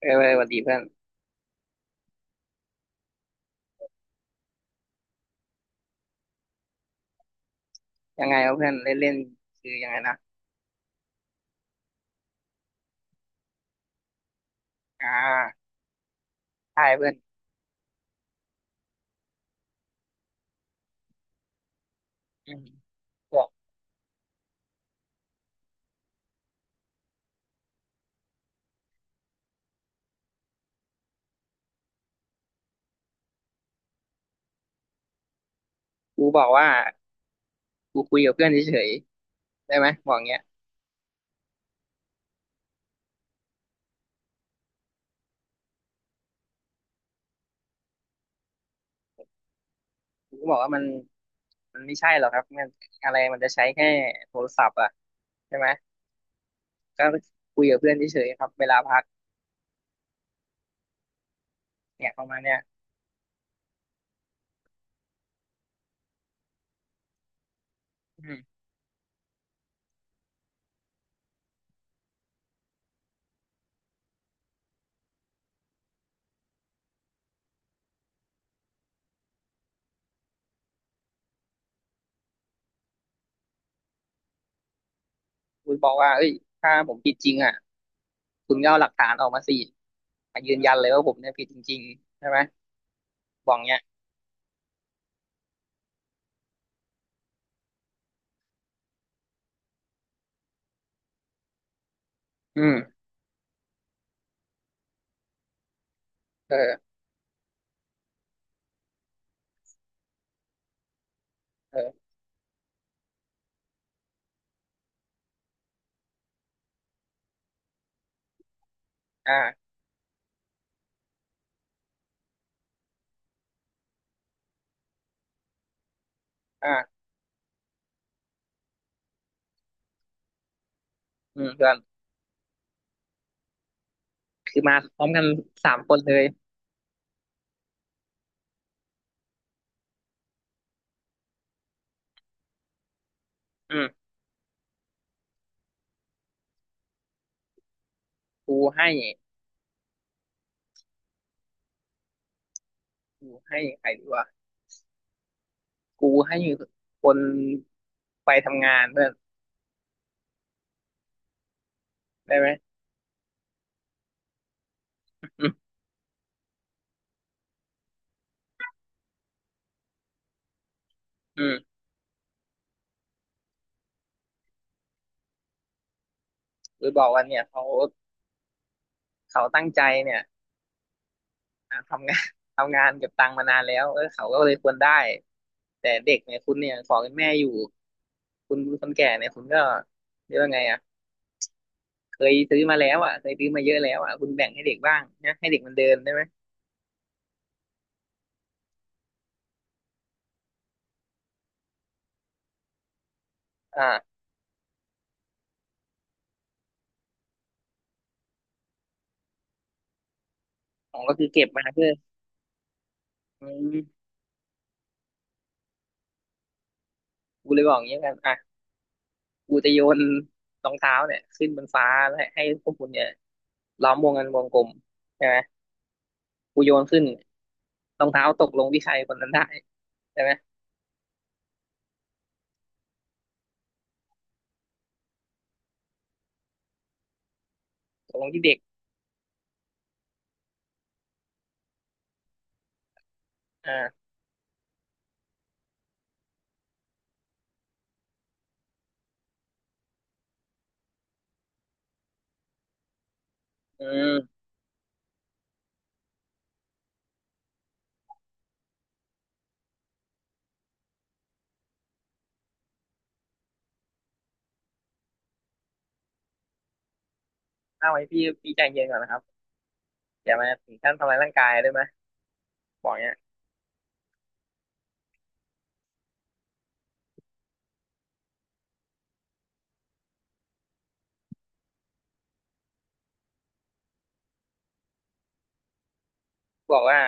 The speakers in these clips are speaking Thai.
เออสวัสดีเพื่อนยังไงวะเพื่อนเล่นเล่นคือยังไงนะอ่าใช่เพื่อนอืมบอกกูบอกว่ากูคุยกับเพื่อนเฉยๆได้ไหมบอกเงี้ยกูก็บอกว่ามันไม่ใช่หรอกครับมันอะไรมันจะใช้แค่โทรศัพท์อ่ะใช่ไหมก็คุยกับเพื่อนเฉยๆครับเวลาพักเนี่ยประมาณเนี้ยอืมกูบอกว่าเอ้ยถ้าผมผิดจริงอ่ะคุณก็เอาหลักฐานออกมาสิมายืนยันเลยว่าผมเนี่ยผิดจริงๆใช่ไหมบอกเงี้ยอืมเออเอออ่าอ่าอืมเพื่อนคือมาพร้อมกันสามคนเลย อืมกูให้กูให้ใครดีวะกูให้คนไปทำงานเพื่อนได้ไหมอืมอืมกูบอกว่าเนี่ยเขาตั้งใจเนี่ยอ่ะทำงาน ทำงานเก็บตังค์มานานแล้วเออเขาก็เลยควรได้แต่เด็กเนี่ยคุณเนี่ยขอเป็นแม่อยู่คุณคนแก่เนี่ยคุณก็เรียกว่าไงอ่ะเคยซื้อมาแล้วอ่ะเคยซื้อมาเยอะแล้วอ่ะคุณแบ่งให้เด็กบ้างนะให้เด็กมันเดินได้ไหมอ่าของก็คือเก็บมาเพื่ออืมกูเลยบอกอย่างนี้กันอ่ะ กูจะโยนรองเท้าเนี่ยขึ้นบนฟ้าแล้วให้พวกคุณเนี่ยล้อมวงกันวงกลมใช่ไหมกูโยนขึ้นรองเท้าตกลงที่ใครคนนั้นได้ใช่ไหมตกลงที่เด็กอ่าอืมเอาไว้พี่พี่ใจเย็นก่อนนะครับอย่ามาถึงขั้นทำร้ายร่างกายได้ไหมบอกเนี้ยบอกว่า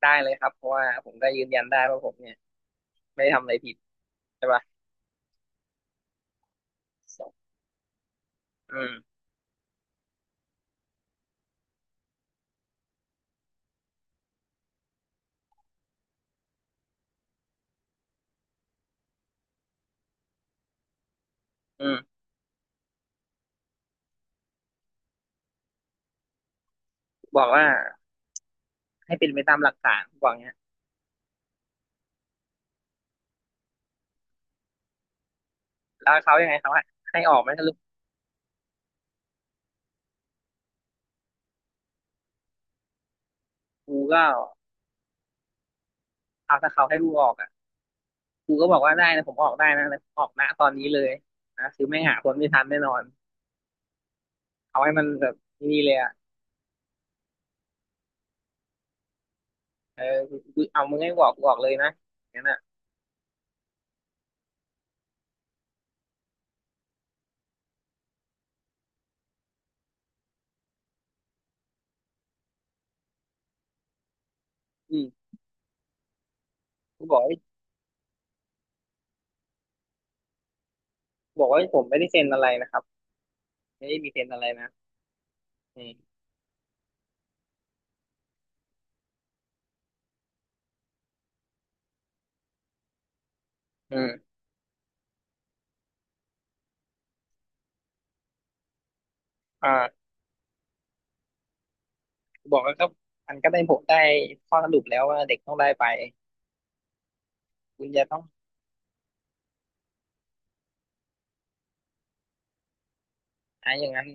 ได้เลยครับเพราะว่าผมก็ยืนยันได้ว่าผมเนี่ยไม่ได้ทำอะไรผิดใช่ปะอืมอืมบอกว่าให้เป็นไปตามหลักฐานบอกเนี้ยแล้วเขายังไงเขาให้ออกไหมถ้าลูกกูก็เอาถ้าเขาให้ลูกออกอ่ะ ครูก็บอกว่าได้นะผมออกได้นะแต่ผมออกนะตอนนี้เลยนะคือไม่หาคนไม่ทันแน่นอนเอาให้มันแบบนี่เลยอ่ะเออคือเอามึงให้บอกเลยนะอย่างนั้นอ่ะอืมครูบอกว่าบอกว่าผมไม่ได้เซ็นอะไรนะครับไม่ได้มีเซ็นอะไรนะอืมอืมอ่าครูบอกว่าก็มันก็ได้ผมได้ข้อสรุปแล้วว่าเด็กต้องได้ไปคุณจะต้องอ่าอย่างนั้น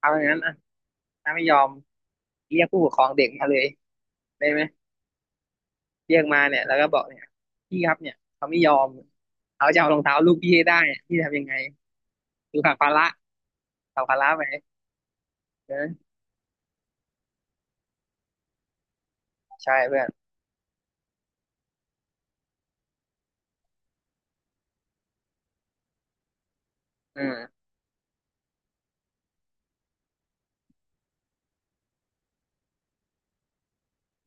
เอาอย่างนั้นอ่ะถ้าไม่ยอมเรียกผู้ปกครองเด็กมาเลยได้ไหมเรียกมาเนี่ยแล้วก็บอกเนี่ยพี่ครับเนี่ยเขาไม่ยอมเขาจะเอารองเท้าลูกพี่ให้ได้พี่ทำยังไง อยู่ฝั่งพาระฝั่งพาระไหมเออใช่เพื่อนอืม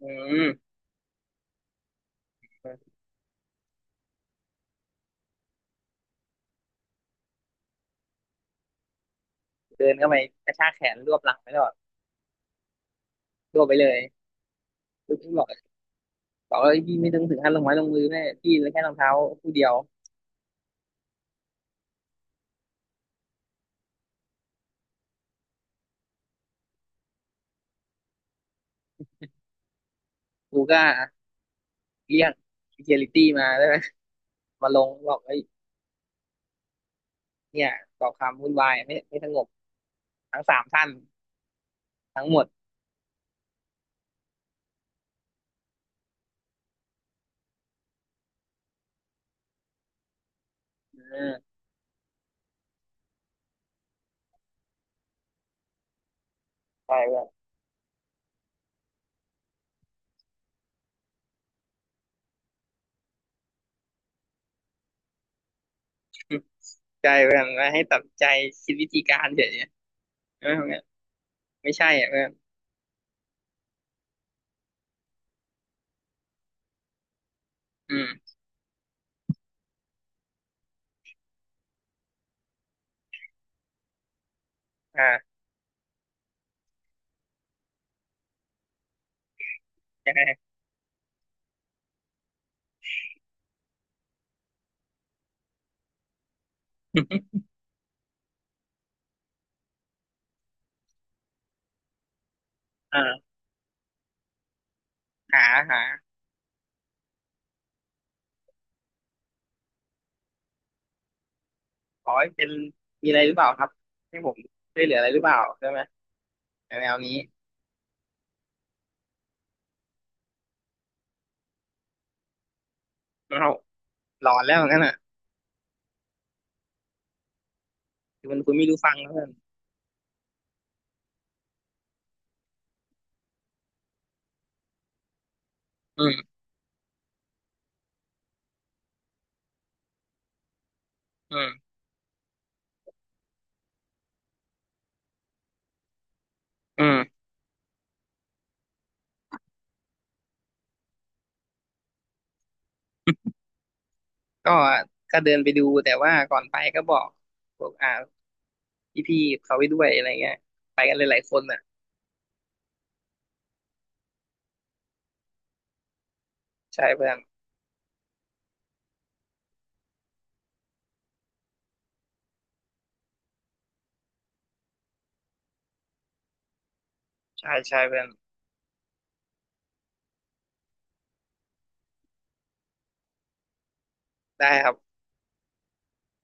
อืมเดินเข้าไปกระชากแขนรวบหลังไปตลอดรวบไปเลยลูกพี่บอกบอกว่าพี่ไม่ต้องถึงขั้นลงไม้ลงมือแม่พี่เหลือแค่รองเท้าคู่เดียวกูก็เรียกเ e c u r i ตี้มาได้ไหมมาลงบอกไอ้ยเนี่ยก่อความวุ่นวายไม่สงบทั้งสามท่านทั้งหมดเออใช่เพื่อนใช่เพื่อนมาให้ตัดใจคิดวิธีการเฉยๆเออไม่ใช่อ่ะเพื่อนอืมอ่ายังไงอ่าหาหา ขอให้เป็นมีอะไรหรือเปล่าครับให้ผมช่วยเหลืออะไรหรือเปล่าใช่ไหมแนวๆนี้วเราหลอนแล้วงั้นอ่ะคือมันคุยไม่รู้ฟังแล้วเพื่อนอืมอืมอืมก็ก็เดินไปดูแต่ว่าก่อนไปก็บอกพวกอ่าพี่ๆเขาไปด้วยอะไรเงี้ยไปกันหลายๆคนอ่ะใช่เพื่อนใช่ใช่เพื่อนได้ครับ